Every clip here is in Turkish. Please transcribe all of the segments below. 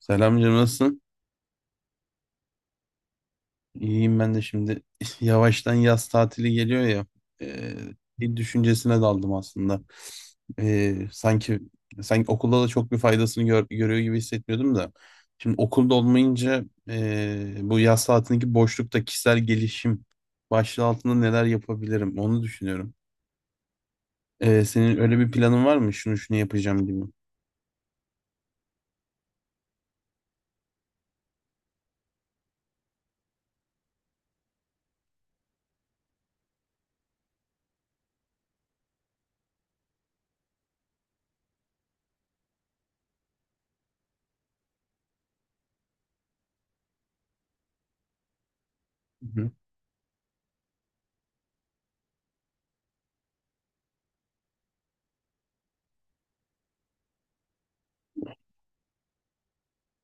Selam canım, nasılsın? İyiyim ben de şimdi. Yavaştan yaz tatili geliyor ya, e, bir düşüncesine daldım aslında. E, sanki sanki okulda da çok bir faydasını görüyor gibi hissetmiyordum da. Şimdi okulda olmayınca, bu yaz tatilindeki boşlukta kişisel gelişim başlığı altında neler yapabilirim onu düşünüyorum. Senin öyle bir planın var mı? Şunu şunu yapacağım gibi.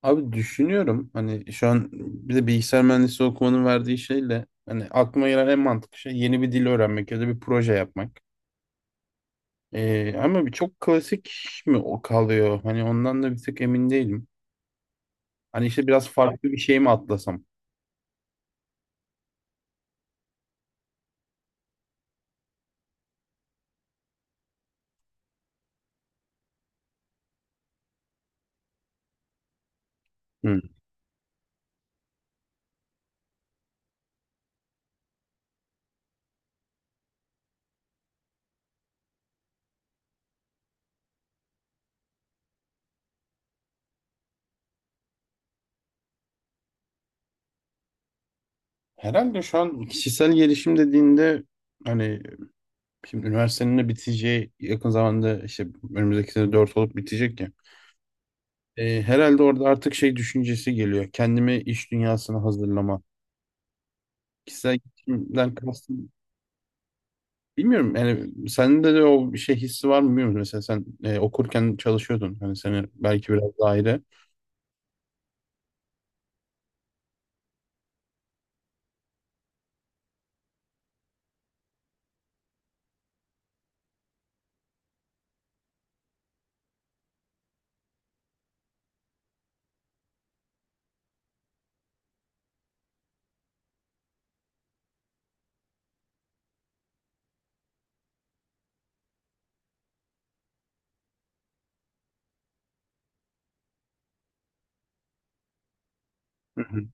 Abi düşünüyorum, hani şu an bir de bilgisayar mühendisliği okumanın verdiği şeyle hani aklıma gelen en mantıklı şey yeni bir dil öğrenmek ya da bir proje yapmak. Ama bir çok klasik mi o kalıyor? Hani ondan da bir tık emin değilim. Hani işte biraz farklı bir şey mi atlasam? Hı. Herhalde şu an kişisel gelişim dediğinde, hani şimdi üniversitenin de biteceği yakın zamanda işte önümüzdeki sene 4 olup bitecek ya. Herhalde orada artık şey düşüncesi geliyor. Kendimi iş dünyasına hazırlama. Kişisel gelişimden kastım, bilmiyorum yani, sende de o bir şey hissi var mı bilmiyorum, mesela sen okurken çalışıyordun, hani seni belki biraz daha ayrı. Hı hı.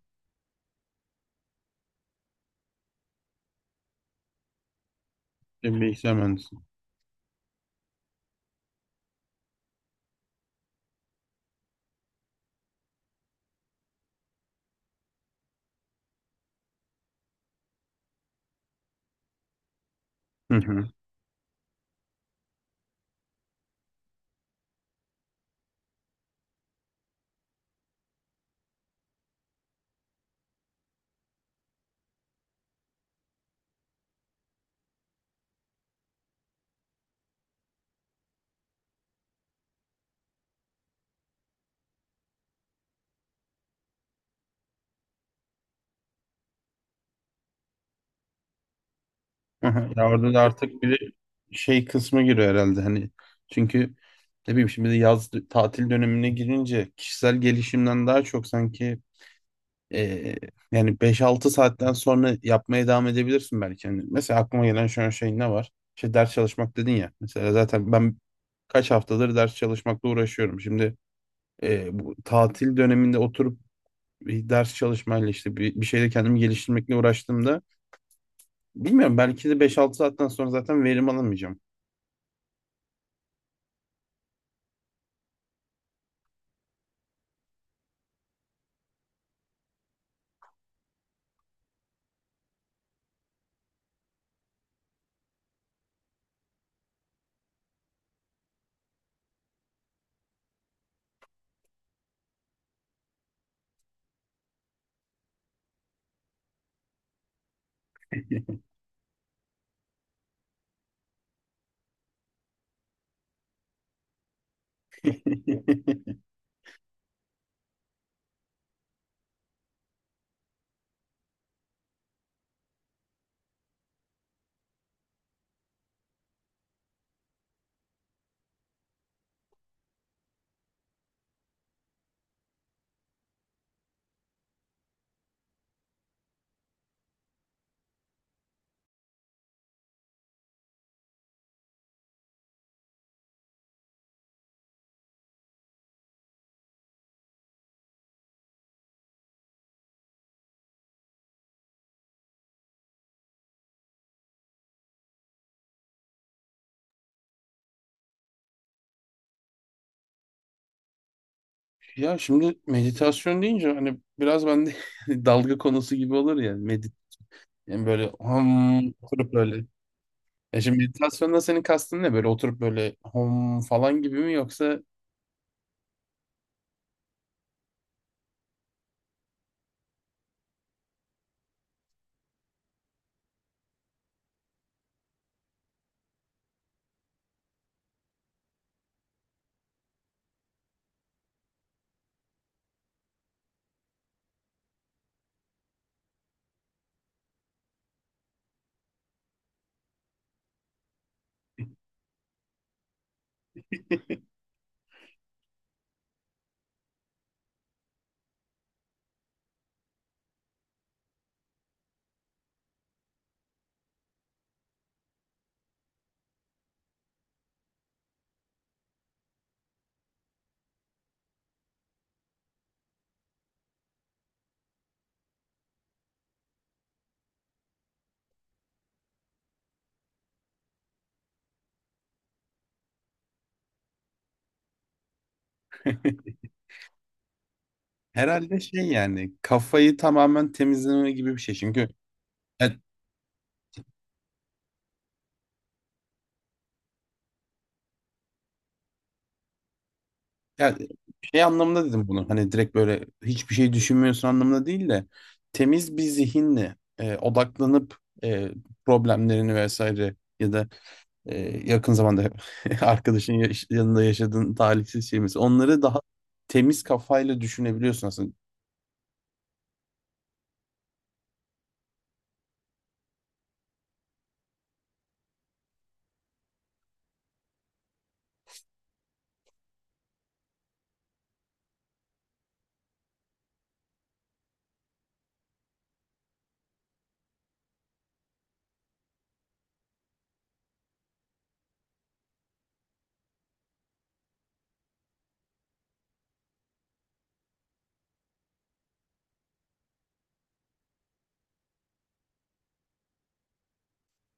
Bir bilgisayar mühendisi. Hı hı. Hı. Ya orada da artık bir şey kısmı giriyor herhalde, hani çünkü ne bileyim şimdi de yaz tatil dönemine girince kişisel gelişimden daha çok sanki. Ee, yani beş altı saatten sonra yapmaya devam edebilirsin belki. Hani mesela aklıma gelen şu an şey ne var? İşte ders çalışmak dedin ya. Mesela zaten ben kaç haftadır ders çalışmakla uğraşıyorum. Şimdi bu tatil döneminde oturup bir ders çalışmayla işte bir şeyle kendimi geliştirmekle uğraştığımda bilmiyorum belki de beş altı saatten sonra zaten verim alamayacağım. Ya şimdi meditasyon deyince hani biraz bende dalga konusu gibi olur ya. Medit, yani böyle ham oturup böyle. Ya şimdi meditasyonda senin kastın ne? Böyle oturup böyle hom falan gibi mi, yoksa herhalde şey, yani kafayı tamamen temizleme gibi bir şey. Çünkü ya, ya şey anlamında dedim bunu. Hani direkt böyle hiçbir şey düşünmüyorsun anlamında değil de temiz bir zihinle odaklanıp, e, problemlerini vesaire ya da e, yakın zamanda arkadaşın yanında yaşadığın talihsiz şey mesela, onları daha temiz kafayla düşünebiliyorsun aslında.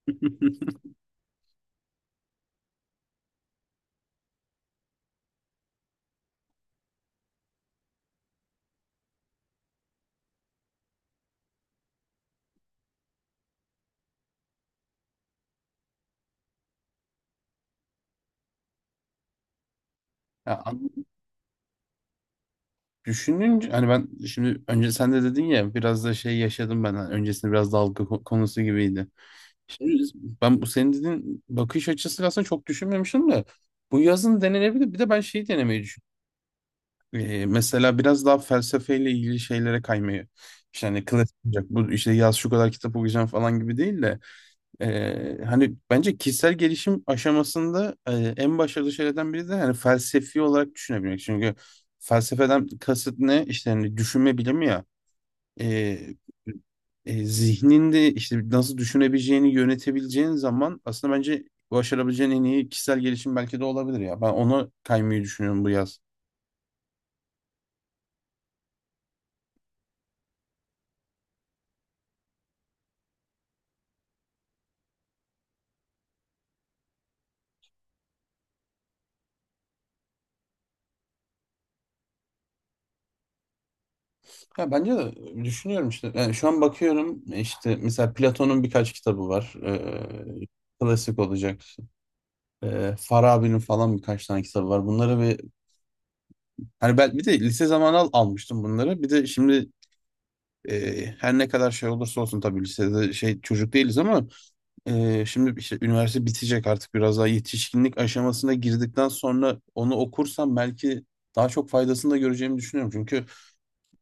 Ya, düşününce hani ben şimdi önce sen de dedin ya, biraz da şey yaşadım ben, hani öncesinde biraz dalga konusu gibiydi. Şimdi ben bu senin dediğin bakış açısı aslında çok düşünmemiştim de bu yazın denenebilir. Bir de ben şeyi denemeyi düşün. Mesela biraz daha felsefeyle ilgili şeylere kaymayı. İşte hani klasik olacak. Bu işte yaz şu kadar kitap okuyacağım falan gibi değil de hani bence kişisel gelişim aşamasında en başarılı şeylerden biri de hani felsefi olarak düşünebilmek. Çünkü felsefeden kasıt ne? İşte hani düşünme bilimi ya. Ee, zihninde işte nasıl düşünebileceğini yönetebileceğin zaman aslında bence başarabileceğin en iyi kişisel gelişim belki de olabilir ya. Ben ona kaymayı düşünüyorum bu yaz. Ya bence de düşünüyorum işte. Yani şu an bakıyorum işte mesela Platon'un birkaç kitabı var. Klasik olacak. Farabi'nin falan birkaç tane kitabı var. Bunları bir, hani ben bir de lise zamanı almıştım bunları. Bir de şimdi her ne kadar şey olursa olsun tabii lisede şey çocuk değiliz ama şimdi işte üniversite bitecek, artık biraz daha yetişkinlik aşamasına girdikten sonra onu okursam belki daha çok faydasını da göreceğimi düşünüyorum. Çünkü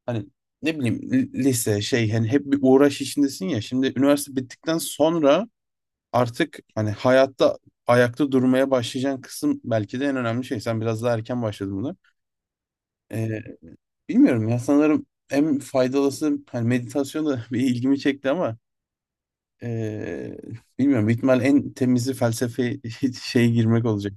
hani ne bileyim lise şey, hani hep bir uğraş içindesin ya. Şimdi üniversite bittikten sonra artık hani hayatta ayakta durmaya başlayacağın kısım belki de en önemli şey. Sen biraz daha erken başladın buna. Ee, bilmiyorum ya, sanırım en faydalısı hani meditasyon da bir ilgimi çekti ama ee, bilmiyorum, ihtimal en temizi felsefe şeye girmek olacak.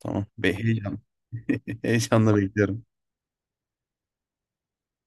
Tamam. Be heyecan. Heyecanla bekliyorum.